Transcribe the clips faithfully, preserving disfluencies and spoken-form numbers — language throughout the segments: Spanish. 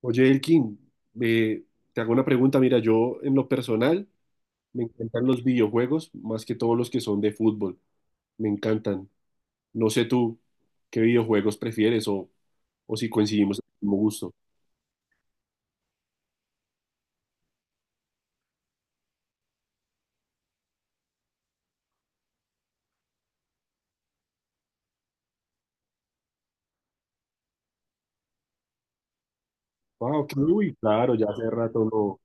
Oye, Elkin, eh, te hago una pregunta. Mira, yo en lo personal me encantan los videojuegos más que todos los que son de fútbol. Me encantan. No sé tú qué videojuegos prefieres o, o si coincidimos en el mismo gusto. Ah, ok, uy, claro, ya hace rato no.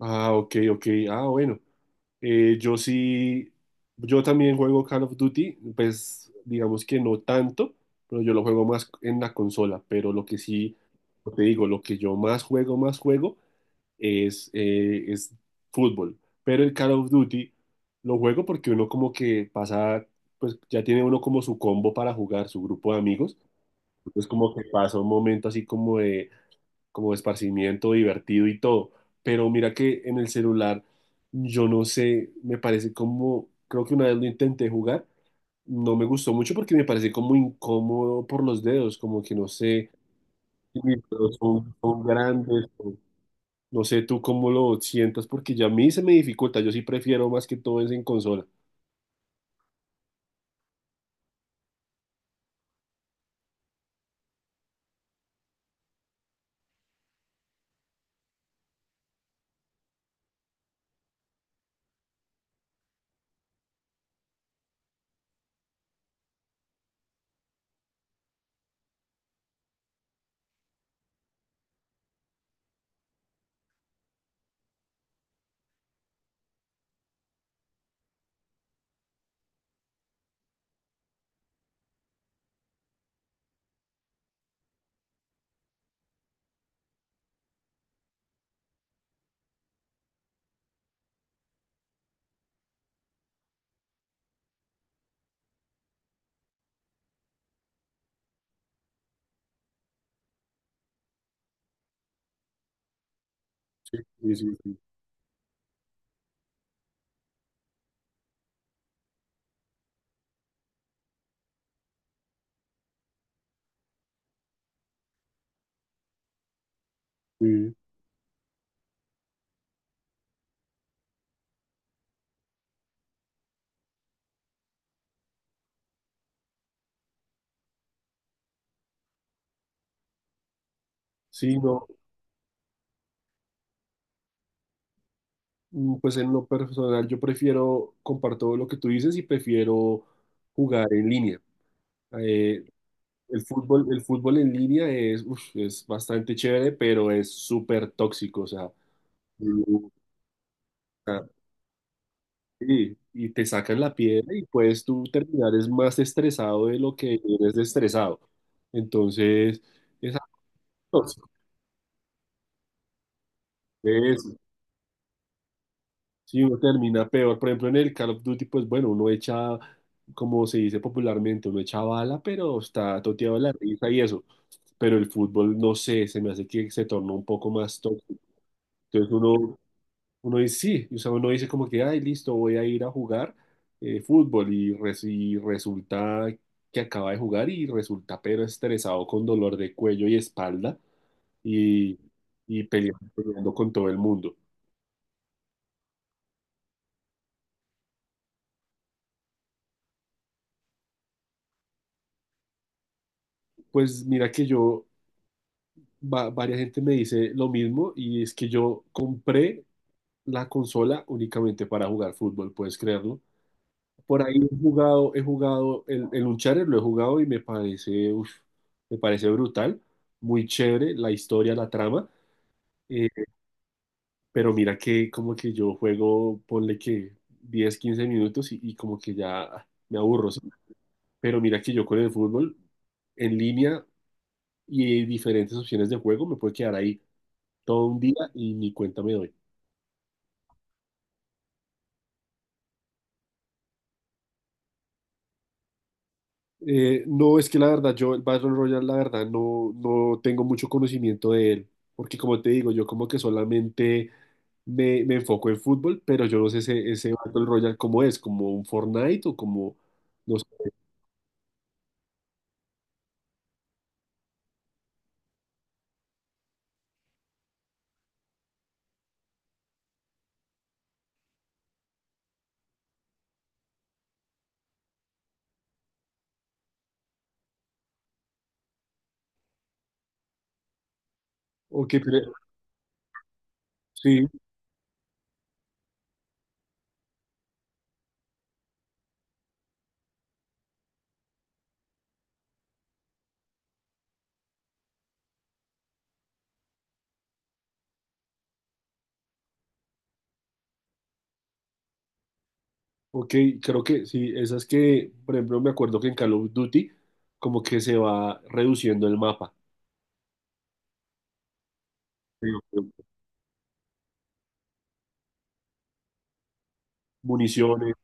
Ah, ok, ok. Ah, bueno. Eh, yo sí, yo también juego Call of Duty, pues digamos que no tanto, pero yo lo juego más en la consola. Pero lo que sí, como te digo, lo que yo más juego, más juego, es, eh, es fútbol. Pero el Call of Duty lo juego porque uno como que pasa, pues ya tiene uno como su combo para jugar, su grupo de amigos. Entonces como que pasa un momento así como de, como de, esparcimiento divertido y todo. Pero mira que en el celular, yo no sé, me parece como, creo que una vez lo intenté jugar, no me gustó mucho porque me parece como incómodo por los dedos, como que no sé, si mis dedos son, son grandes. No sé tú cómo lo sientas, porque ya a mí se me dificulta. Yo sí prefiero más que todo es en consola. Sí, sí, sí. Sí, sí, sí, no, mm, pues en lo personal yo prefiero, comparto lo que tú dices y prefiero jugar en línea. Eh, el fútbol, el fútbol en línea es, uf, es bastante chévere, pero es súper tóxico, o sea, mm, ah, sí, y te sacan la piedra y puedes tú terminar es más estresado de lo que eres estresado. Entonces, es algo tóxico. Eso, sí, uno termina peor. Por ejemplo, en el Call of Duty, pues bueno, uno echa, como se dice popularmente, uno echa bala, pero está toteado de la risa y eso. Pero el fútbol, no sé, se me hace que se tornó un poco más tóxico. Entonces uno, uno dice, sí, o sea, uno dice como que, ay, listo, voy a ir a jugar eh, fútbol y, res- y resulta que acaba de jugar y resulta pero estresado con dolor de cuello y espalda y, y peleando, peleando con todo el mundo. Pues mira que yo va- varias gente me dice lo mismo y es que yo compré la consola únicamente para jugar fútbol, puedes creerlo. Por ahí he jugado, he jugado el, el Uncharted, lo he jugado y me parece, uf, me parece brutal, muy chévere la historia, la trama, eh, pero mira que como que yo juego, ponle que diez quince minutos y, y como que ya ah, me aburro, ¿sí? Pero mira que yo con el fútbol en línea y diferentes opciones de juego me puedo quedar ahí todo un día y ni cuenta me doy. Eh, no, es que la verdad, yo el Battle Royale, la verdad, no, no tengo mucho conocimiento de él, porque como te digo, yo como que solamente me, me enfoco en fútbol, pero yo no sé ese, ese Battle Royale cómo es, como un Fortnite o como, no sé. Ok, pero- sí, ok, creo que sí, esas que, por ejemplo, me acuerdo que en Call of Duty como que se va reduciendo el mapa. Sí. Municiones.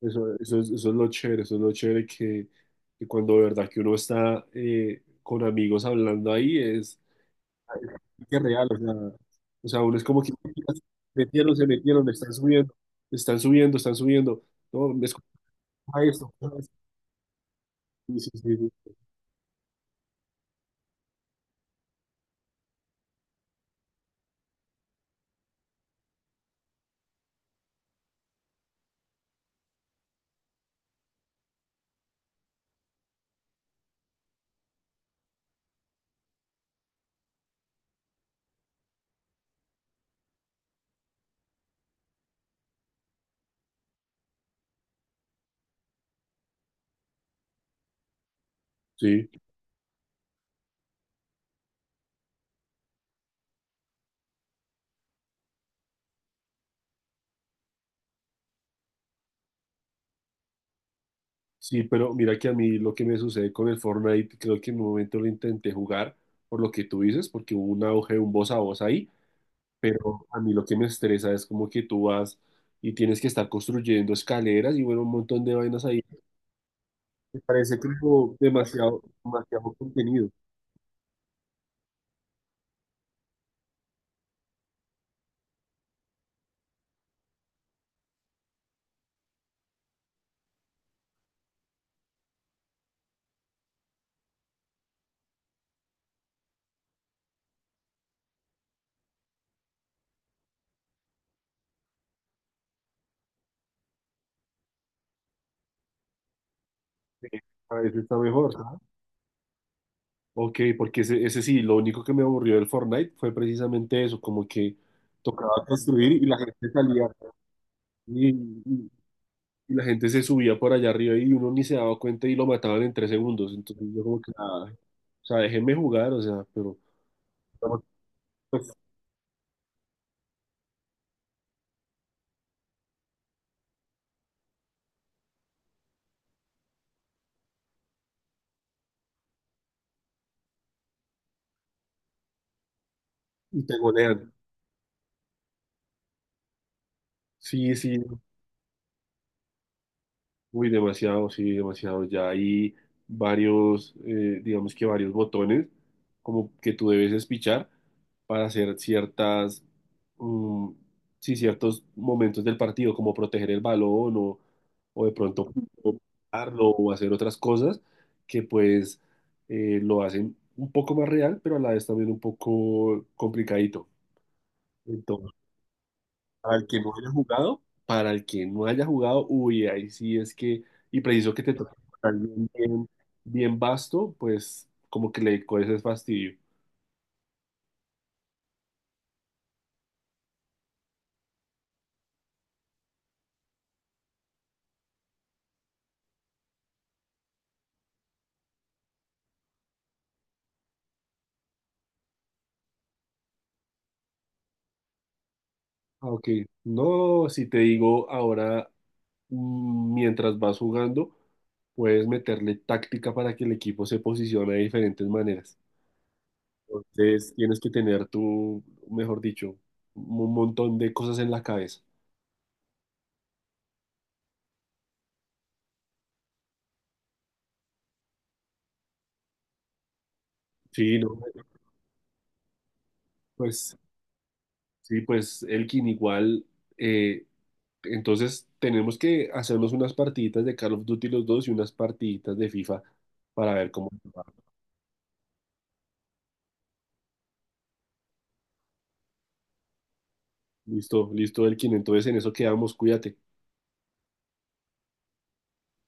Eso, eso es, eso es lo chévere, eso es lo chévere que, que cuando de verdad que uno está eh, con amigos hablando ahí es, que es real, o sea, o sea, uno es como que metieron, se metieron, están subiendo, están subiendo, están subiendo, no, me escucha esto. Sí, sí, sí, sí. Sí, sí, pero mira que a mí lo que me sucede con el Fortnite, creo que en un momento lo intenté jugar por lo que tú dices, porque hubo un auge, un voz a voz ahí, pero a mí lo que me estresa es como que tú vas y tienes que estar construyendo escaleras y bueno, un montón de vainas ahí. Me parece como demasiado, demasiado contenido. Sí, a veces está mejor, ¿sabes? Ok, porque ese, ese sí, lo único que me aburrió del Fortnite fue precisamente eso, como que tocaba construir y la gente salía y, y- y la gente se subía por allá arriba y uno ni se daba cuenta y lo mataban en tres segundos. Entonces yo como que, ah, o sea, déjenme jugar, o sea, pero pues, y te golean. Sí, sí, uy, demasiado, sí, demasiado. Ya hay varios, eh, digamos que varios botones como que tú debes espichar para hacer ciertas, mm, sí, ciertos momentos del partido, como proteger el balón o, o de pronto darlo o hacer otras cosas que pues eh, lo hacen un poco más real, pero a la vez también un poco complicadito. Para el que no haya jugado, para el que no haya jugado, uy, ahí sí es que, y preciso que te toque jugar bien, bien, bien vasto, pues como que le coges es fastidio. Ah, ok. No, si te digo ahora, mm, mientras vas jugando, puedes meterle táctica para que el equipo se posicione de diferentes maneras. Entonces tienes que tener tú, mejor dicho, un montón de cosas en la cabeza. Sí, no, pues sí, pues Elkin igual. eh, Entonces tenemos que hacernos unas partiditas de Call of Duty los dos y unas partiditas de FIFA para ver cómo. Listo, listo, Elkin. Entonces en eso quedamos, cuídate.